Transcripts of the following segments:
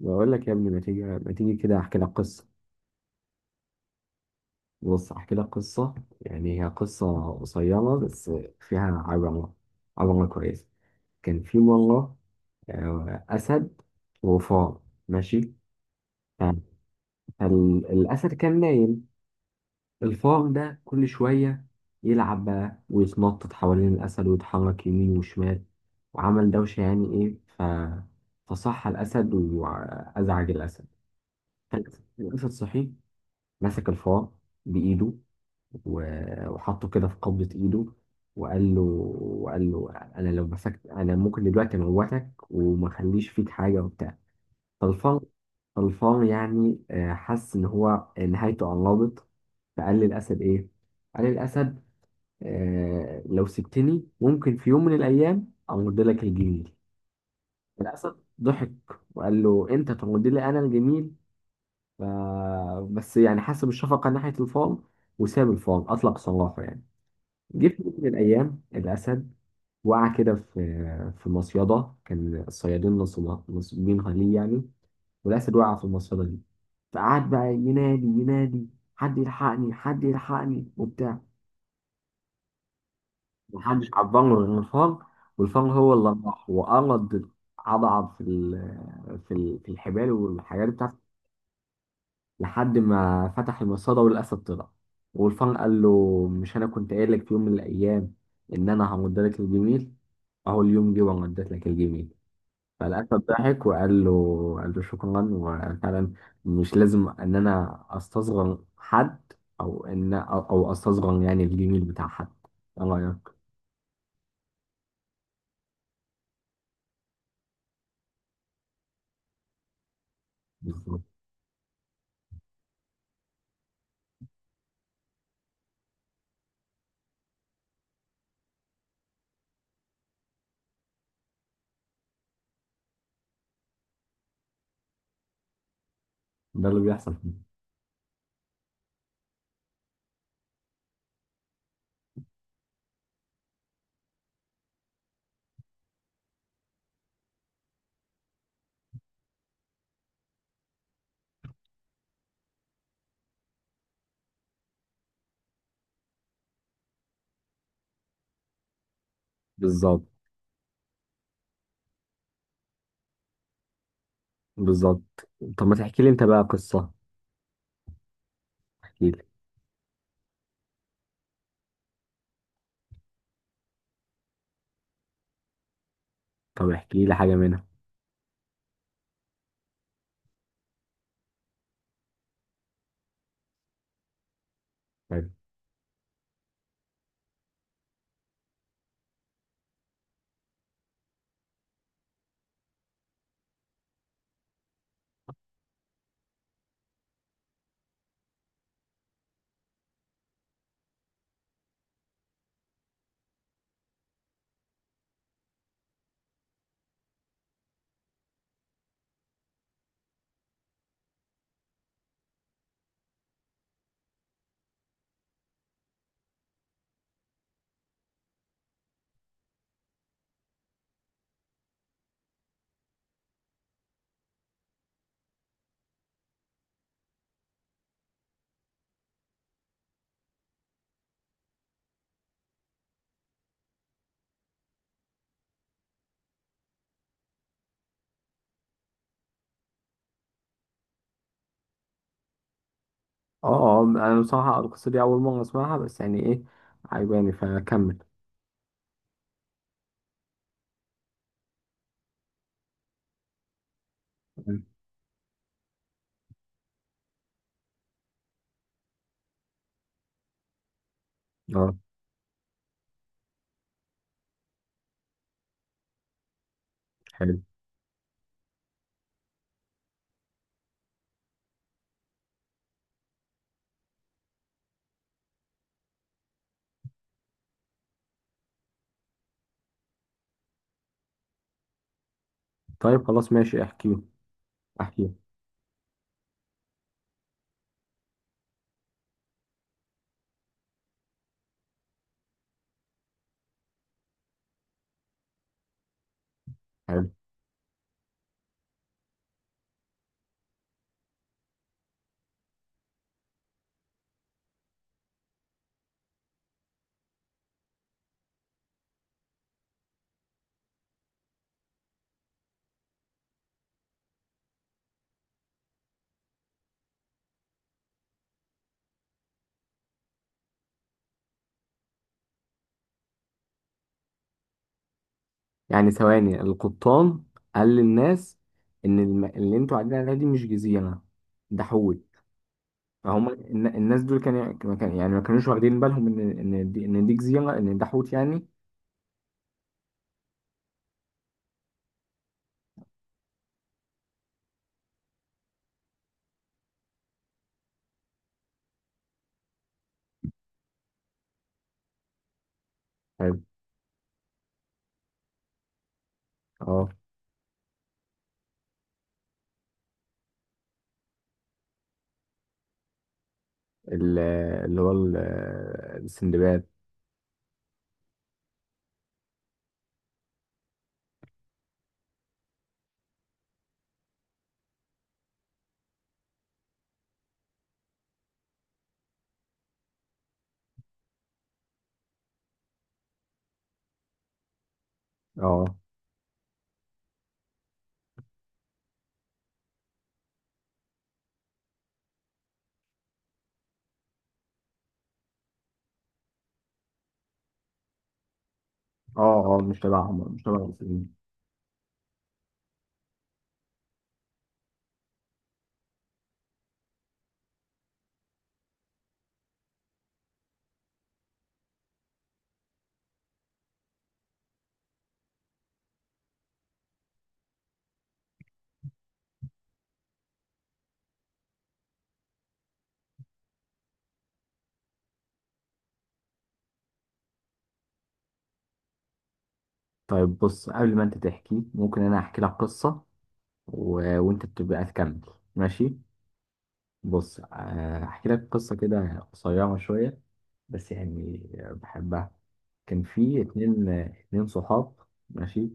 بقول لك يا ابني ما تيجي ما تيجي كده احكي لك قصه. بص احكي لك قصه، يعني هي قصه قصيره بس فيها عبره، عبره كويسه. كان في مره اسد وفار. ماشي. ف- فالاسد كان نايم، الفار ده كل شويه يلعب بقى ويتنطط حوالين الاسد ويتحرك يمين وشمال وعمل دوشه، يعني ايه فصح الاسد وازعج الاسد. الأسد صحي، مسك الفار بايده وحطه كده في قبضة إيده، وقال له وقال له: أنا لو مسكت أنا ممكن دلوقتي أموتك وما أخليش فيك حاجة وبتاع. طلفان. طلفان يعني حس إن هو نهايته قربت. فقال للأسد إيه؟ قال للأسد لو سبتني ممكن في يوم من الأيام أمد لك الجميل. الأسد ضحك وقال له: أنت تمد لي أنا الجميل؟ ف- بس يعني حس بالشفقة ناحية الفار وساب الفار، أطلق سراحه يعني. جه في يوم من الأيام الأسد وقع كده في مصيدة، كان الصيادين نصبين ليه يعني، والأسد وقع في المصيدة دي. فقعد بقى ينادي ينادي: حد يلحقني حد يلحقني وبتاع. محدش عبان غير الفار، والفار هو اللي راح وقرض، عضعض في الحبال والحاجات بتاعت لحد ما فتح المصاده والاسد طلع. والفان قال له: مش انا كنت قايل لك في يوم من الايام ان انا همد لك الجميل؟ اهو اليوم جه ومديت لك الجميل. فالاسد ضحك وقال له قال له: شكرا، وفعلا مش لازم ان انا استصغر حد، او ان او أو استصغر يعني الجميل بتاع حد. ايه رايك؟ بالظبط. ده اللي بيحصل فيه. بالظبط، بالظبط. طب ما تحكي لي انت بقى قصه. احكي لي. طب احكي لي حاجه منها. طيب. اه، اه انا بصراحة القصة دي أول مرة أسمعها، بس يعني إيه عجباني فكمل. اه. حلو. طيب خلاص ماشي احكيه، احكيه. حلو. يعني ثواني، القبطان قال للناس إن اللي أنتوا قاعدين عليها دي مش جزيرة، ده حول. فهم الناس دول يعني ما كانوش واخدين بالهم إن دي جزيرة، إن ده حوت يعني. حلو. اه. ال- اللي هو ال- السندباد. اه، اه. اه مش تبعهم، مش تبع المسلمين. طيب بص قبل ما انت تحكي ممكن انا احكي لك قصة وانت بتبقى تكمل. ماشي. بص، احكي لك قصة كده قصيرة شوية بس، يعني بحبها. كان في اتنين صحاب. ماشي.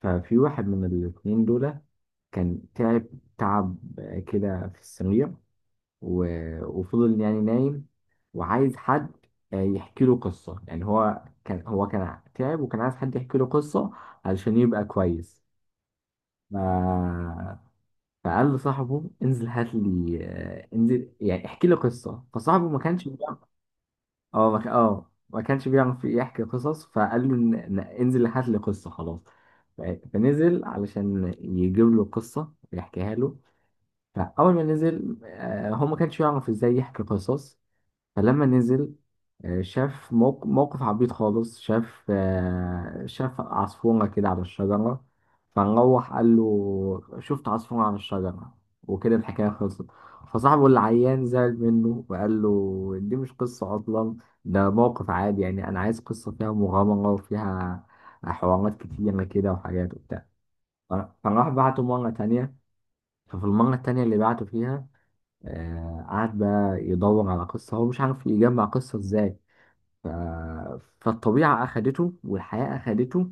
ففي واحد من الاتنين دول كان تعب، تعب كده في السرير و... وفضل يعني نايم، وعايز حد يحكي له قصة. يعني هو كان تعب وكان عايز حد يحكي له قصة علشان يبقى كويس. ما فقال لصاحبه: انزل هات لي، انزل يعني احكي لي قصه. فصاحبه ما كانش بيعرف. اه، ما كانش بيعرف يحكي قصص. فقال له: انزل هات لي قصه خلاص. ف- فنزل علشان يجيب له قصه ويحكيها له. فاول ما نزل، هو ما كانش يعرف ازاي يحكي قصص. فلما نزل شاف موقف عبيط خالص، شاف شاف عصفورة كده على الشجرة. فنروح قال له: شفت عصفورة على الشجرة. وكده الحكاية خلصت. فصاحبه اللي عيان زعل منه وقال له: دي مش قصة أصلا، ده موقف عادي. يعني أنا عايز قصة فيها مغامرة وفيها حوارات كتيرة كده وحاجات وبتاع. ف- فراح بعته مرة تانية. ففي المرة التانية اللي بعته فيها، قعد بقى يدور على قصة، هو مش عارف يجمع قصة ازاي. ف... فالطبيعة أخدته والحياة أخدته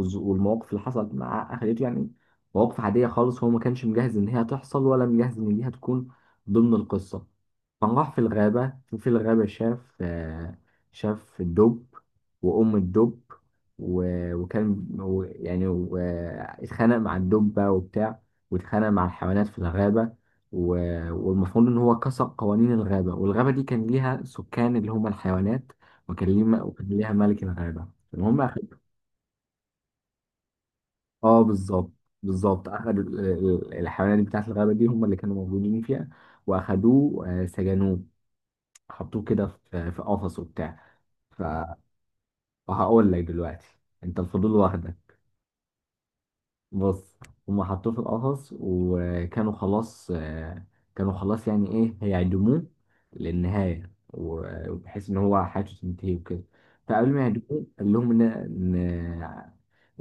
والمواقف اللي حصلت معاه أخدته يعني. مواقف عادية خالص، هو ما كانش مجهز إن هي تحصل ولا مجهز إن دي هتكون ضمن القصة. فراح في الغابة. في الغابة شاف شاف الدب وأم الدب، و- وكان و- يعني و- اتخانق مع الدب بقى وبتاع، واتخانق مع الحيوانات في الغابة. والمفروض إن هو كسر قوانين الغابة، والغابة دي كان ليها سكان اللي هم الحيوانات، وكان ليها ملك الغابة. المهم أخد. اه بالظبط. بالظبط أخد الحيوانات بتاعت الغابة دي هم اللي كانوا موجودين فيها، وأخدوه سجنوه، حطوه كده في قفص وبتاع. فهقول لك دلوقتي، أنت الفضول واخدك. بص، هم حطوه في القفص وكانوا خلاص، كانوا خلاص يعني إيه هيعدموه للنهاية، وبحيث إن هو حياته تنتهي وكده. فقبل ما يعدموه قال لهم إن، إن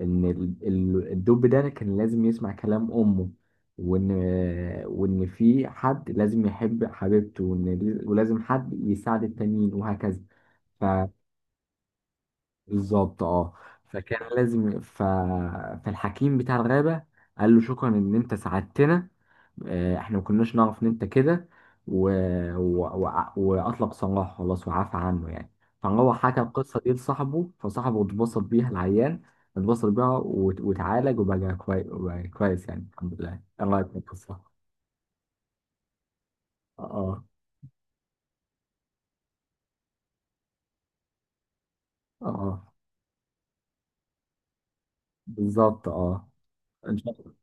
ان الدب ده كان لازم يسمع كلام امه، وان في حد لازم يحب حبيبته، وان ولازم حد يساعد التانيين وهكذا. بالظبط اه. فكان لازم فالحكيم بتاع الغابة قال له: شكرا ان انت ساعدتنا، احنا ما كناش نعرف ان انت كده، و... و... و... واطلق سراحه خلاص وعفى عنه يعني. فهو حكى القصة دي لصاحبه، فصاحبه اتبسط بيها العيان، اتبسط بيها وتعالج وبقى كويس وبقى كويس يعني الحمد لله. ايه رايك في القصة؟ اه، اه بالظبط. اه ان شاء الله.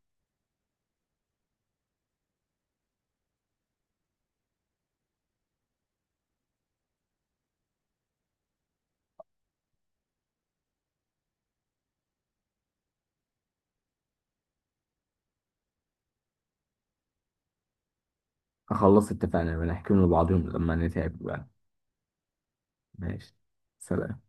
خلصت، اتفقنا بنحكي لبعضهم لما نتعب بقى. ماشي. سلام.